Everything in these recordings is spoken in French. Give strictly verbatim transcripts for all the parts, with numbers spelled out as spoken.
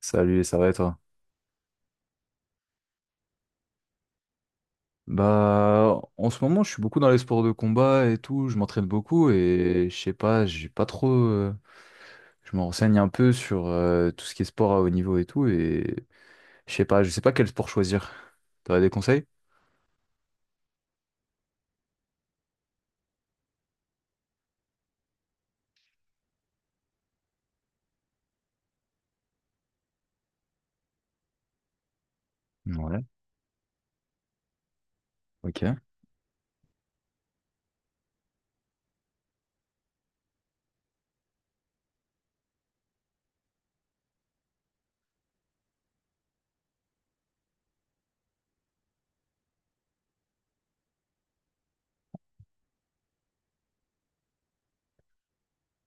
Salut, ça va et toi? Bah, en ce moment, je suis beaucoup dans les sports de combat et tout, je m'entraîne beaucoup et je sais pas, j'ai pas trop. Euh, je me renseigne un peu sur euh, tout ce qui est sport à haut niveau et tout et je sais pas, je sais pas quel sport choisir. T'aurais des conseils? Ouais, ok.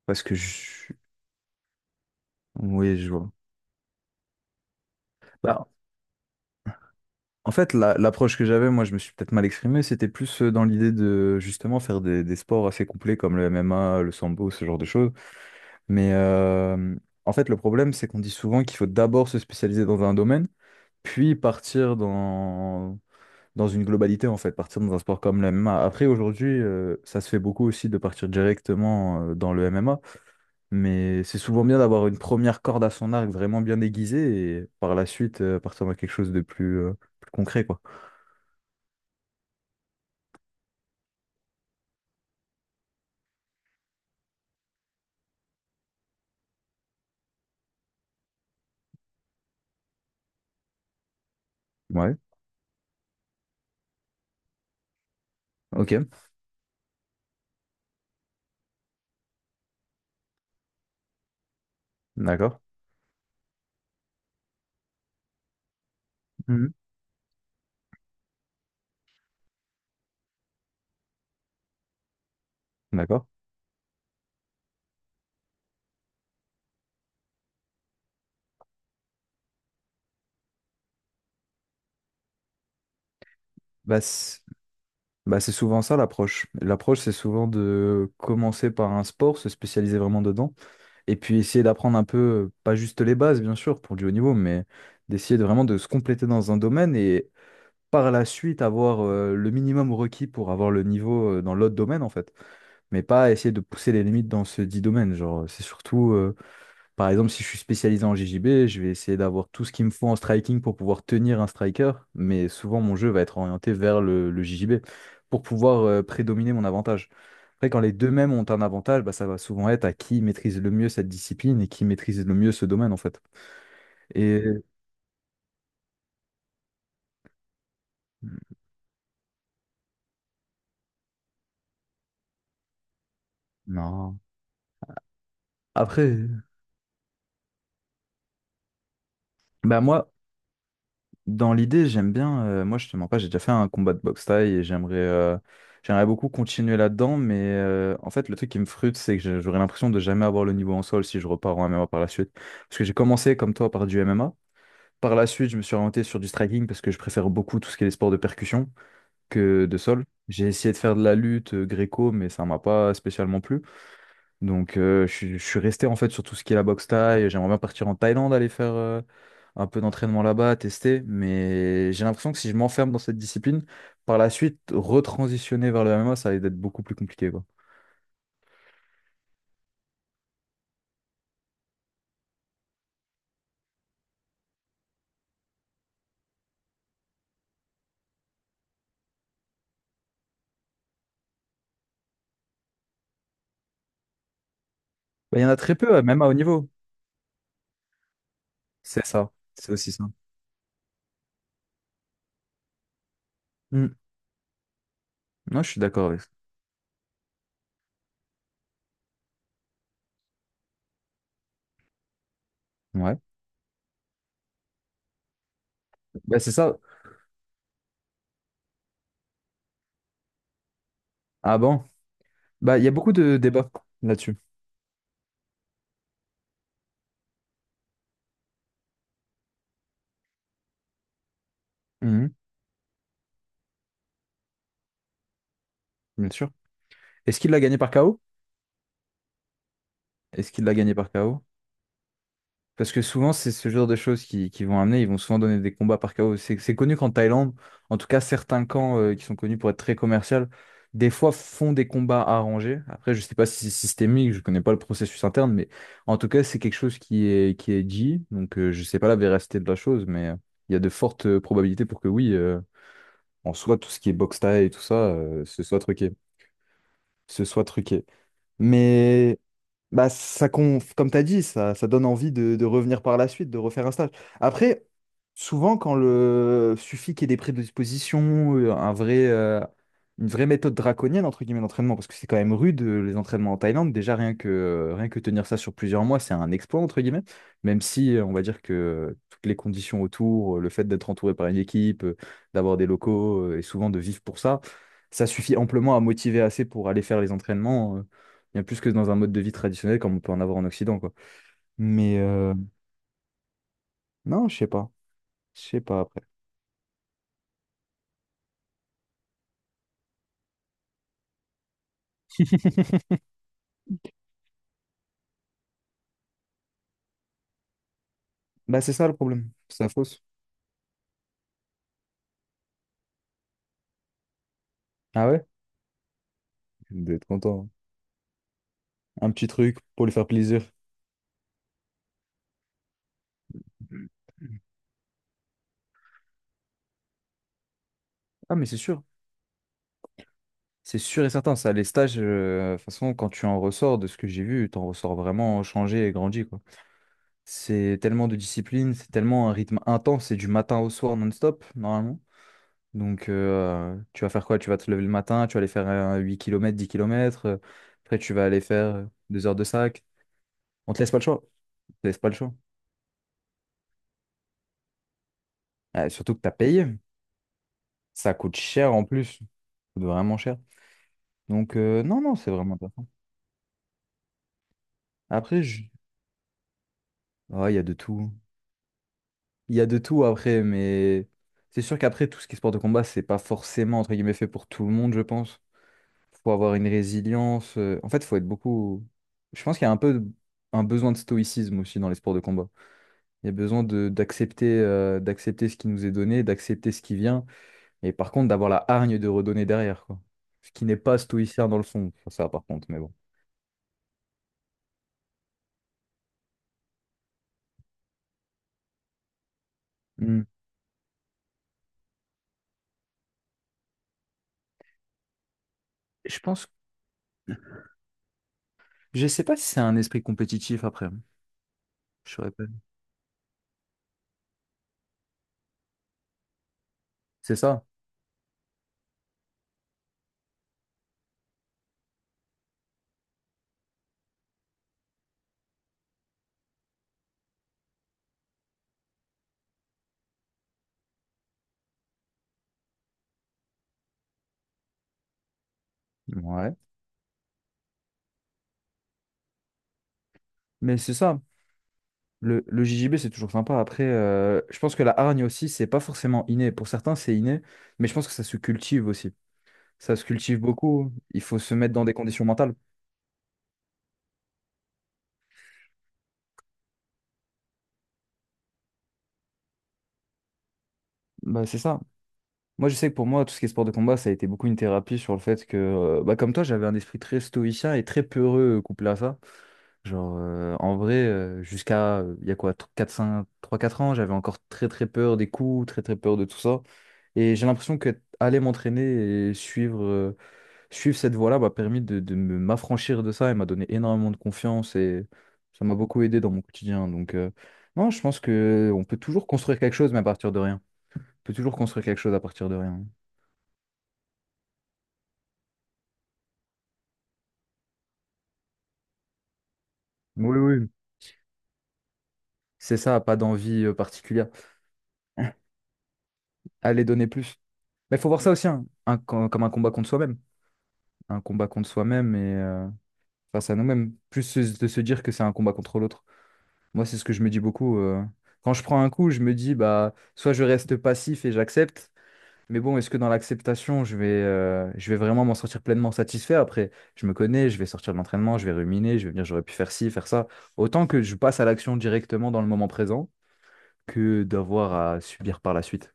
Parce que je... Oui, je vois. Bah, en fait, la- l'approche que j'avais, moi, je me suis peut-être mal exprimé, c'était plus euh, dans l'idée de justement faire des, des sports assez complets comme le M M A, le sambo, ce genre de choses. Mais euh, en fait, le problème, c'est qu'on dit souvent qu'il faut d'abord se spécialiser dans un domaine, puis partir dans, dans une globalité, en fait, partir dans un sport comme le M M A. Après, aujourd'hui, euh, ça se fait beaucoup aussi de partir directement euh, dans le M M A, mais c'est souvent bien d'avoir une première corde à son arc vraiment bien aiguisée et par la suite euh, partir dans quelque chose de plus, euh, plus concret, quoi. Ouais, ok, d'accord. Mhm. D'accord. Bah, c- Bah, c'est souvent ça l'approche. L'approche, c'est souvent de commencer par un sport, se spécialiser vraiment dedans, et puis essayer d'apprendre un peu, euh, pas juste les bases, bien sûr, pour du haut niveau, mais d'essayer de vraiment de se compléter dans un domaine et par la suite avoir euh, le minimum requis pour avoir le niveau euh, dans l'autre domaine, en fait. Mais pas essayer de pousser les limites dans ce dit domaine. Genre, c'est surtout, euh, par exemple, si je suis spécialisé en J J B, je vais essayer d'avoir tout ce qu'il me faut en striking pour pouvoir tenir un striker, mais souvent mon jeu va être orienté vers le, le J J B pour pouvoir euh, prédominer mon avantage. Après, quand les deux mêmes ont un avantage, bah, ça va souvent être à qui maîtrise le mieux cette discipline et qui maîtrise le mieux ce domaine en fait. Et non. Après, bah moi, dans l'idée, j'aime bien. Euh, moi, je te mens pas, j'ai déjà fait un combat de boxe thaï et j'aimerais euh, j'aimerais beaucoup continuer là-dedans. Mais euh, en fait, le truc qui me frustre, c'est que je- j'aurais l'impression de jamais avoir le niveau en sol si je repars en M M A par la suite. Parce que j'ai commencé, comme toi, par du M M A. Par la suite, je me suis orienté sur du striking parce que je préfère beaucoup tout ce qui est les sports de percussion que de sol. J'ai essayé de faire de la lutte euh, gréco, mais ça m'a pas spécialement plu. Donc, euh, je, suis je suis resté en fait sur tout ce qui est la boxe thaï. J'aimerais bien partir en Thaïlande, aller faire euh, un peu d'entraînement là-bas, tester. Mais j'ai l'impression que si je m'enferme dans cette discipline, par la suite, retransitionner vers le M M A, ça va être beaucoup plus compliqué, quoi. Bah, il y en a très peu, euh, même à haut niveau. C'est ça. C'est aussi ça. Mm. Non, je suis d'accord avec ça. Ouais. Bah, c'est ça. Ah bon? Bah, il y a beaucoup de débats là-dessus. Mhm, bien sûr. Est-ce qu'il l'a gagné par K O? Est-ce qu'il l'a gagné par K O? Parce que souvent, c'est ce genre de choses qui, qui vont amener, ils vont souvent donner des combats par K O. C'est c'est connu qu'en Thaïlande, en tout cas, certains camps euh, qui sont connus pour être très commerciaux, des fois font des combats arrangés. Après, je sais pas si c'est systémique, je connais pas le processus interne, mais en tout cas, c'est quelque chose qui est, qui est dit. Donc, euh, je sais pas la véracité de la chose, mais euh, il y a de fortes euh, probabilités pour que oui, euh, en soi, tout ce qui est boxe thaï et tout ça, euh, ce soit truqué. Ce soit truqué. Mais bah, ça, con- comme tu as dit, ça, ça donne envie de, de revenir par la suite, de refaire un stage. Après, souvent, quand le suffit qu'il y ait des prédispositions, euh, un vrai, euh, une vraie méthode draconienne, entre guillemets, d'entraînement, parce que c'est quand même rude, euh, les entraînements en Thaïlande. Déjà, rien que, euh, rien que tenir ça sur plusieurs mois, c'est un exploit, entre guillemets. Même si, euh, on va dire que toutes les conditions autour, euh, le fait d'être entouré par une équipe, euh, d'avoir des locaux, euh, et souvent de vivre pour ça, ça suffit amplement à motiver assez pour aller faire les entraînements. euh. Bien plus que dans un mode de vie traditionnel comme on peut en avoir en Occident, quoi. Mais euh, non, je sais pas. Je sais pas après. Bah, c'est ça le problème. C'est la fausse. Ah ouais? D'être content. Un petit truc pour lui faire plaisir. Ah, mais c'est sûr. C'est sûr et certain. Ça, les stages, euh, de toute façon, quand tu en ressors de ce que j'ai vu, tu en ressors vraiment changé et grandi, quoi. C'est tellement de discipline, c'est tellement un rythme intense, c'est du matin au soir non-stop, normalement. Donc, euh, tu vas faire quoi? Tu vas te lever le matin, tu vas aller faire euh, huit kilomètres dix kilomètres km. Après, tu vas aller faire euh, deux heures de sac. On te laisse pas le choix. On te laisse pas le choix. Euh, surtout que tu as payé. Ça coûte cher en plus. Ça coûte vraiment cher. Donc, euh, non, non, c'est vraiment intéressant. Après, je... oh, il y a de tout. Il y a de tout après, mais c'est sûr qu'après, tout ce qui est sport de combat, c'est pas forcément, entre guillemets, fait pour tout le monde, je pense. Faut avoir une résilience. euh, En fait, faut être beaucoup. Je pense qu'il y a un peu un besoin de stoïcisme aussi dans les sports de combat. Il y a besoin de d'accepter euh, d'accepter ce qui nous est donné, d'accepter ce qui vient, et par contre d'avoir la hargne de redonner derrière, quoi. Ce qui n'est pas stoïcien dans le fond, ça par contre, mais bon. Hmm. Je pense, je sais pas si c'est un esprit compétitif après. Hein. Je saurais pas. C'est ça. Ouais. Mais c'est ça. Le, le J J B, c'est toujours sympa. Après, euh, je pense que la hargne aussi, c'est pas forcément inné. Pour certains, c'est inné, mais je pense que ça se cultive aussi. Ça se cultive beaucoup. Il faut se mettre dans des conditions mentales. Bah, c'est ça. Moi, je sais que pour moi, tout ce qui est sport de combat, ça a été beaucoup une thérapie sur le fait que, euh, bah, comme toi, j'avais un esprit très stoïcien et très peureux euh, couplé à ça. Genre, euh, en vrai, euh, jusqu'à, euh, il y a quoi, quatre cinq trois quatre ans, j'avais encore très, très peur des coups, très, très peur de tout ça. Et j'ai l'impression que aller m'entraîner et suivre, euh, suivre cette voie-là m'a permis de, de me- m'affranchir de ça et m'a donné énormément de confiance et ça m'a beaucoup aidé dans mon quotidien. Donc, euh, non, je pense que on peut toujours construire quelque chose, mais à partir de rien. On peut toujours construire quelque chose à partir de rien. Oui, oui. C'est ça, pas d'envie euh, particulière. Allez donner plus. Mais il faut voir ça aussi, hein, un com- comme un combat contre soi-même. Un combat contre soi-même et euh, face à nous-mêmes. Plus se- de se dire que c'est un combat contre l'autre. Moi, c'est ce que je me dis beaucoup. euh. Quand je prends un coup, je me dis, bah, soit je reste passif et j'accepte, mais bon, est-ce que dans l'acceptation, je vais, euh, je vais vraiment m'en sortir pleinement satisfait? Après, je me connais, je vais sortir de l'entraînement, je vais ruminer, je vais me dire, j'aurais pu faire ci, faire ça. Autant que je passe à l'action directement dans le moment présent que d'avoir à subir par la suite.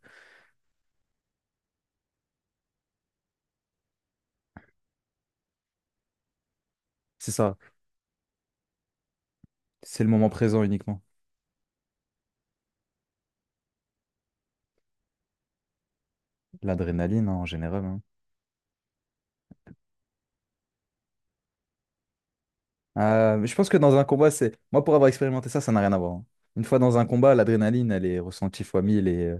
C'est ça. C'est le moment présent uniquement. L'adrénaline hein, en général. Hein. Euh, je pense que dans un combat, c'est. Moi, pour avoir expérimenté ça, ça n'a rien à voir. Hein. Une fois dans un combat, l'adrénaline, elle est ressentie fois mille et euh,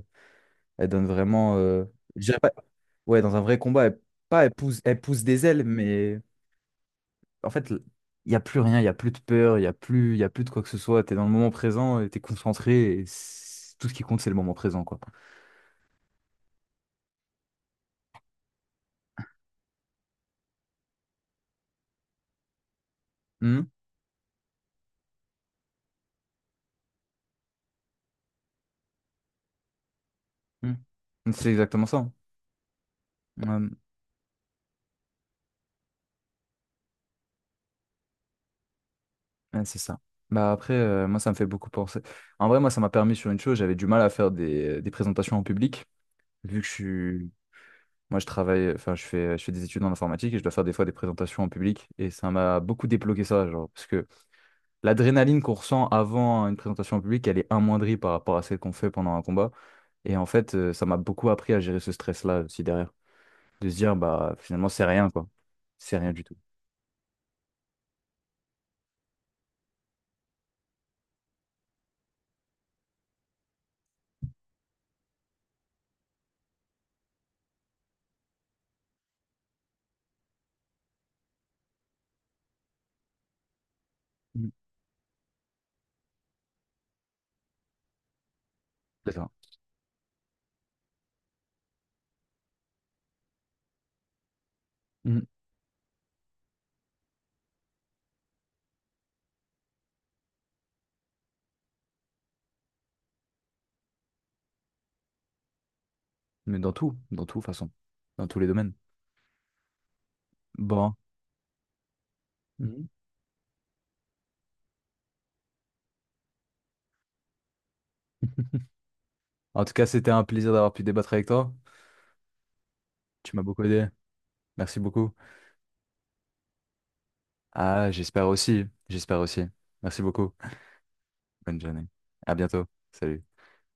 elle donne vraiment. euh, je dirais pas- Ouais, dans un vrai combat, elle, pas elle pousse, elle pousse des ailes, mais en fait, il n'y a plus rien, il n'y a plus de peur, il n'y a plus, il y a plus de quoi que ce soit. Tu es dans le moment présent, tu es concentré et c'est- tout ce qui compte, c'est le moment présent, quoi. Hum, hum. C'est exactement ça. Hein. Mmh. Ouais, c'est ça. Bah après, euh, moi, ça me fait beaucoup penser. En vrai, moi, ça m'a permis sur une chose, j'avais du mal à faire des, des présentations en public, vu que je suis... Moi, je travaille, enfin, je fais, je fais des études en informatique et je dois faire des fois des présentations en public. Et ça m'a beaucoup débloqué ça, genre, parce que l'adrénaline qu'on ressent avant une présentation en public, elle est amoindrie par rapport à celle qu'on fait pendant un combat. Et en fait, euh, ça m'a beaucoup appris à gérer ce stress-là aussi derrière. De se dire, bah, finalement, c'est rien, quoi. C'est rien du tout. Mhm. C'est ça. Mhm. Mais dans tout, dans tout, façon. Dans tous les domaines. Bon. En tout cas, c'était un plaisir d'avoir pu débattre avec toi. Tu m'as beaucoup aidé. Merci beaucoup. Ah, j'espère aussi. J'espère aussi. Merci beaucoup. Bonne journée. À bientôt. Salut.